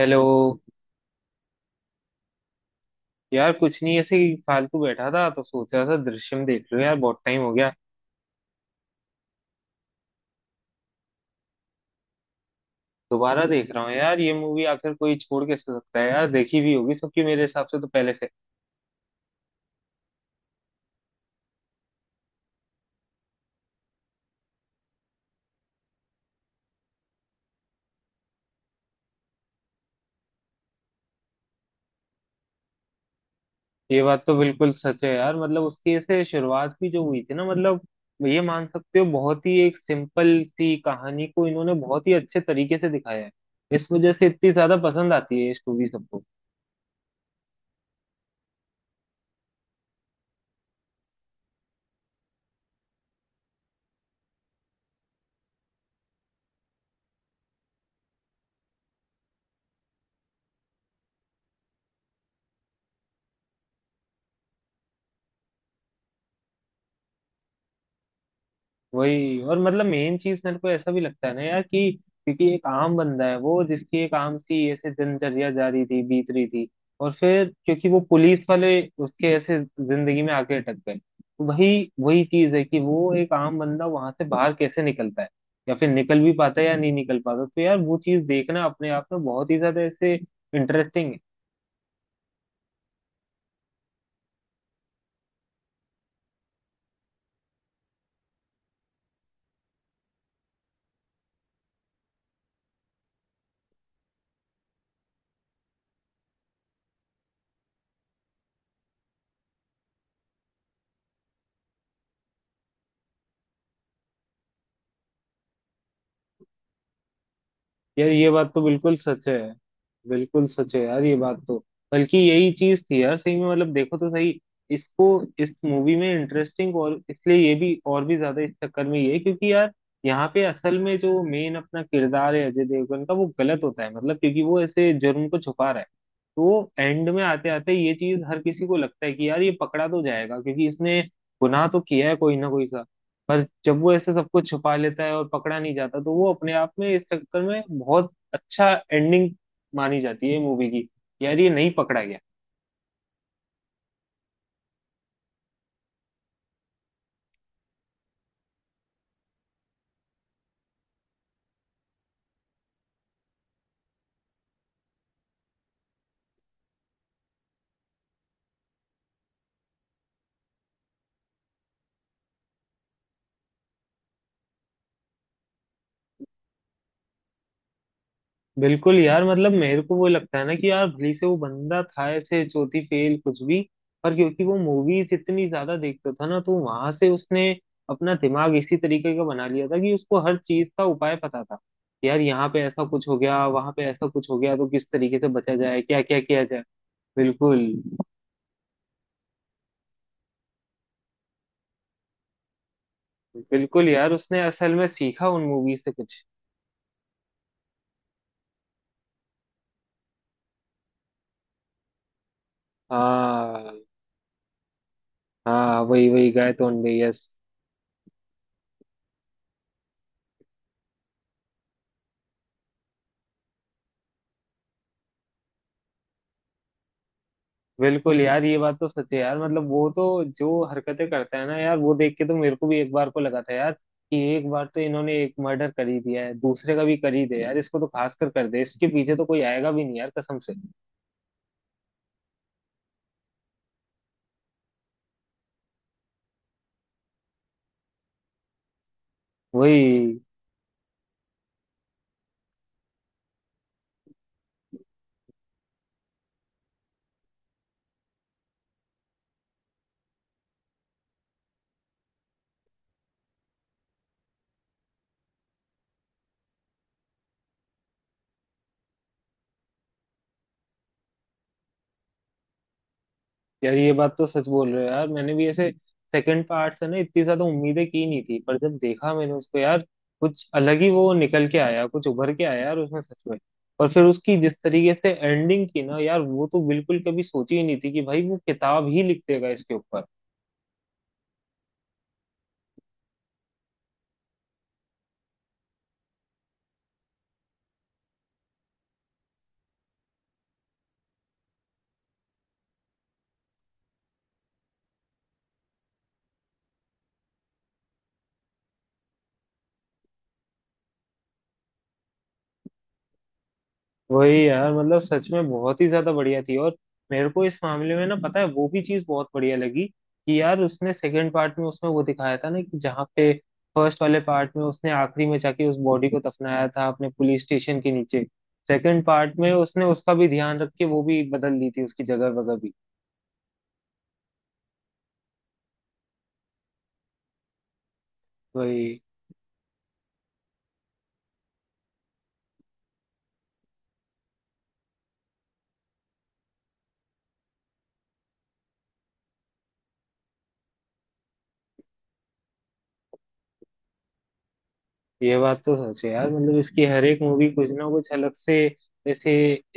Hello. यार कुछ नहीं, ऐसे ही फालतू बैठा था तो सोच रहा था दृश्यम देख लूं। यार बहुत टाइम हो गया, दोबारा देख रहा हूँ। यार ये मूवी आखिर कोई छोड़ कैसे सकता है। यार देखी भी होगी सबकी मेरे हिसाब से तो पहले से। ये बात तो बिल्कुल सच है यार। मतलब उसकी ऐसे शुरुआत भी जो हुई थी ना, मतलब ये मान सकते हो बहुत ही एक सिंपल सी कहानी को इन्होंने बहुत ही अच्छे तरीके से दिखाया है। इस वजह से इतनी ज्यादा पसंद आती है ये मूवी सबको। वही, और मतलब मेन चीज मेरे को ऐसा भी लगता है ना यार कि क्योंकि एक आम बंदा है वो, जिसकी एक आम सी ऐसे दिनचर्या जारी थी, बीत रही थी। और फिर क्योंकि वो पुलिस वाले उसके ऐसे जिंदगी में आके अटक गए, तो वही वही चीज है कि वो एक आम बंदा वहां से बाहर कैसे निकलता है, या फिर निकल भी पाता है या नहीं निकल पाता। तो यार वो चीज देखना अपने आप में बहुत ही ज्यादा ऐसे इंटरेस्टिंग है। यार ये बात तो बिल्कुल सच है। बिल्कुल सच है यार ये बात तो। बल्कि यही चीज थी यार सही में, मतलब देखो तो सही इसको। इस मूवी में इंटरेस्टिंग और इसलिए ये भी और भी ज्यादा इस चक्कर में ये है क्योंकि यार यहाँ पे असल में जो मेन अपना किरदार है अजय देवगन का, वो गलत होता है। मतलब क्योंकि वो ऐसे जुर्म को छुपा रहा है, तो एंड में आते आते ये चीज हर किसी को लगता है कि यार ये पकड़ा तो जाएगा क्योंकि इसने गुनाह तो किया है कोई ना कोई सा। पर जब वो ऐसे सबको छुपा लेता है और पकड़ा नहीं जाता, तो वो अपने आप में इस चक्कर में बहुत अच्छा एंडिंग मानी जाती है मूवी की। यार ये नहीं पकड़ा गया। बिल्कुल यार, मतलब मेरे को वो लगता है ना कि यार भली से वो बंदा था ऐसे चौथी फेल कुछ भी, पर क्योंकि वो मूवीज इतनी ज्यादा देखता था ना, तो वहां से उसने अपना दिमाग इसी तरीके का बना लिया था कि उसको हर चीज का उपाय पता था। यार यहाँ पे ऐसा कुछ हो गया, वहां पे ऐसा कुछ हो गया, तो किस तरीके से बचा जाए, क्या क्या किया जाए। बिल्कुल। बिल्कुल यार, उसने असल में सीखा उन मूवी से कुछ। हाँ। हाँ वही वही गाय तो अंधे, यस। बिल्कुल यार, ये बात तो सच है यार। मतलब वो तो जो हरकतें करता है ना यार, वो देख के तो मेरे को भी एक बार को लगा था यार कि एक बार तो इन्होंने एक मर्डर कर ही दिया है, दूसरे का भी कर ही दे यार इसको तो, खास कर कर दे इसके पीछे तो कोई आएगा भी नहीं यार कसम से। वही यार, ये बात तो सच बोल रहे हो यार। मैंने भी ऐसे सेकंड पार्ट से ना इतनी ज्यादा उम्मीदें की नहीं थी, पर जब देखा मैंने उसको यार, कुछ अलग ही वो निकल के आया, कुछ उभर के आया यार उसमें सच में। और फिर उसकी जिस तरीके से एंडिंग की ना यार, वो तो बिल्कुल कभी सोची ही नहीं थी कि भाई वो किताब ही लिख देगा इसके ऊपर। वही यार, मतलब सच में बहुत ही ज्यादा बढ़िया थी। और मेरे को इस मामले में ना पता है वो भी चीज बहुत बढ़िया लगी कि यार उसने सेकंड पार्ट में उसमें वो दिखाया था ना कि जहाँ पे फर्स्ट वाले पार्ट में उसने आखिरी में जाके उस बॉडी को दफनाया था अपने पुलिस स्टेशन के नीचे, सेकंड पार्ट में उसने उसका भी ध्यान रख के वो भी बदल ली थी उसकी जगह वगैरह भी। वही। ये बात तो सच है यार, मतलब इसकी हर एक मूवी कुछ ना कुछ अलग से, जैसे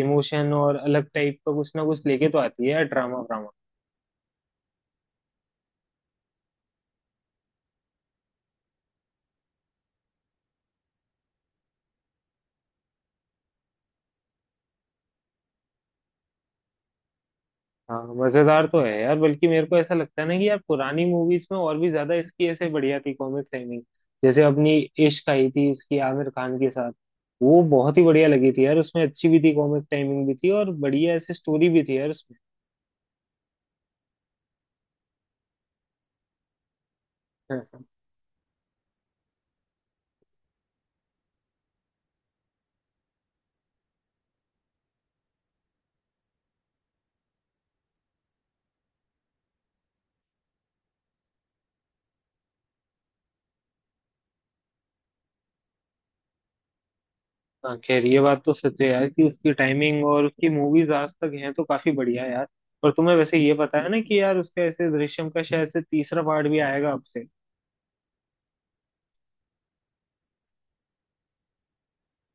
इमोशन और अलग टाइप का कुछ ना कुछ लेके तो आती है यार, ड्रामा व्रामा। हाँ, मजेदार तो है यार। बल्कि मेरे को ऐसा लगता है ना कि यार पुरानी मूवीज में और भी ज्यादा इसकी ऐसे बढ़िया थी कॉमिक टाइमिंग। जैसे अपनी इश्क आई थी इसकी आमिर खान के साथ, वो बहुत ही बढ़िया लगी थी यार। उसमें अच्छी भी थी कॉमिक टाइमिंग भी थी, और बढ़िया ऐसे स्टोरी भी थी यार उसमें। हाँ हाँ। खैर ये बात तो सच है यार कि उसकी टाइमिंग और उसकी मूवीज आज तक हैं तो काफी बढ़िया है यार। और तुम्हें वैसे ये पता है ना कि यार उसका ऐसे दृश्यम का शायद से तीसरा पार्ट भी आएगा अब से।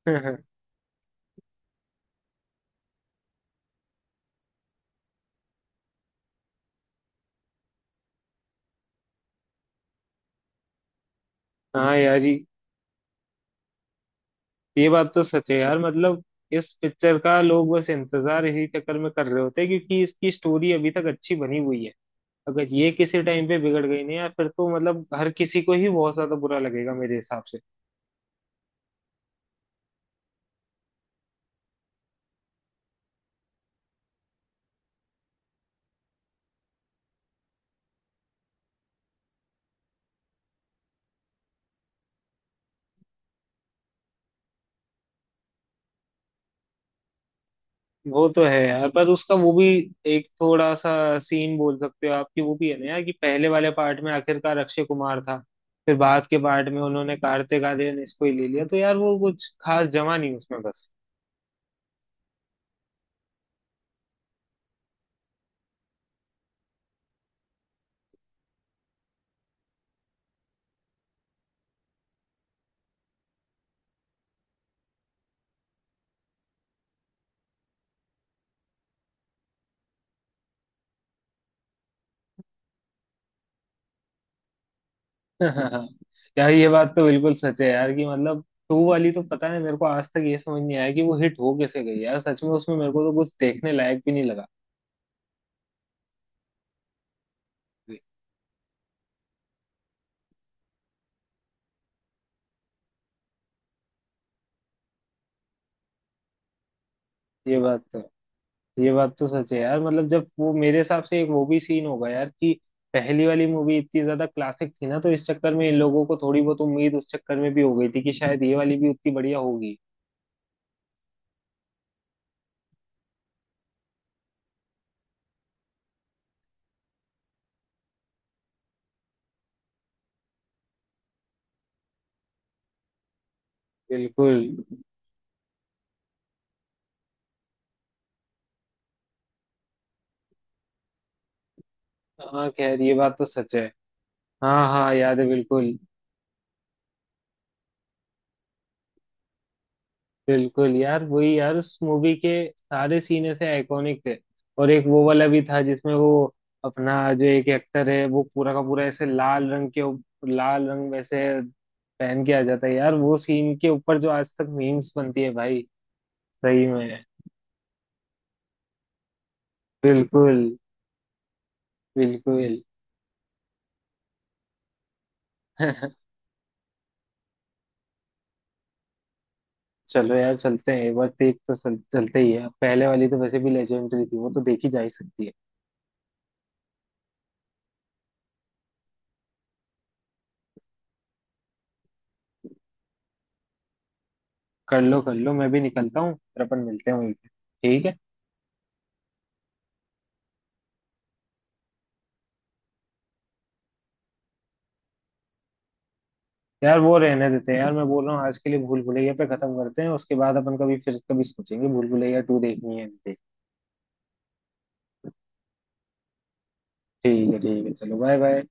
हाँ यार, ये बात तो सच है यार। मतलब इस पिक्चर का लोग बस इंतजार इसी चक्कर में कर रहे होते हैं क्योंकि इसकी स्टोरी अभी तक अच्छी बनी हुई है। अगर ये किसी टाइम पे बिगड़ गई ना यार, फिर तो मतलब हर किसी को ही बहुत ज्यादा बुरा लगेगा मेरे हिसाब से। वो तो है यार, पर उसका वो भी एक थोड़ा सा सीन बोल सकते हो आप कि वो भी है ना यार कि पहले वाले पार्ट में आखिरकार अक्षय कुमार था, फिर बाद के पार्ट में उन्होंने कार्तिक आर्यन इसको ही ले लिया, तो यार वो कुछ खास जमा नहीं उसमें बस। हाँ, यार ये बात तो बिल्कुल सच है यार कि मतलब टू वाली तो पता नहीं मेरे को आज तक ये समझ नहीं आया कि वो हिट हो कैसे गई यार सच में। उसमें मेरे को तो कुछ देखने लायक भी नहीं लगा। ये बात तो ये बात तो सच है यार। मतलब जब वो मेरे हिसाब से एक वो भी सीन होगा यार कि पहली वाली मूवी इतनी ज्यादा क्लासिक थी ना, तो इस चक्कर में इन लोगों को थोड़ी बहुत उम्मीद उस चक्कर में भी हो गई थी कि शायद ये वाली भी उतनी बढ़िया होगी। बिल्कुल। हाँ खैर ये बात तो सच है। हाँ हाँ, याद है बिल्कुल। बिल्कुल यार, वही यार उस मूवी के सारे सीन ऐसे आइकॉनिक थे। और एक वो वाला भी था जिसमें वो अपना जो एक एक्टर है वो पूरा का पूरा ऐसे लाल रंग के लाल रंग वैसे पहन के आ जाता है यार, वो सीन के ऊपर जो आज तक मीम्स बनती है भाई। सही में। बिल्कुल। बिल्कुल। चलो यार, चलते हैं एक बार। देख तो चलते ही है, पहले वाली तो वैसे भी लेजेंडरी थी, वो तो देखी जा ही सकती है। कर लो कर लो, मैं भी निकलता हूँ। फिर अपन मिलते हैं वहीं पे, ठीक है। यार वो रहने देते हैं यार, मैं बोल रहा हूँ आज के लिए भूल भुलैया पे खत्म करते हैं। उसके बाद अपन कभी फिर कभी सोचेंगे भूल भुलैया टू देखनी है नहीं देखनी। ठीक है ठीक है, चलो बाय बाय।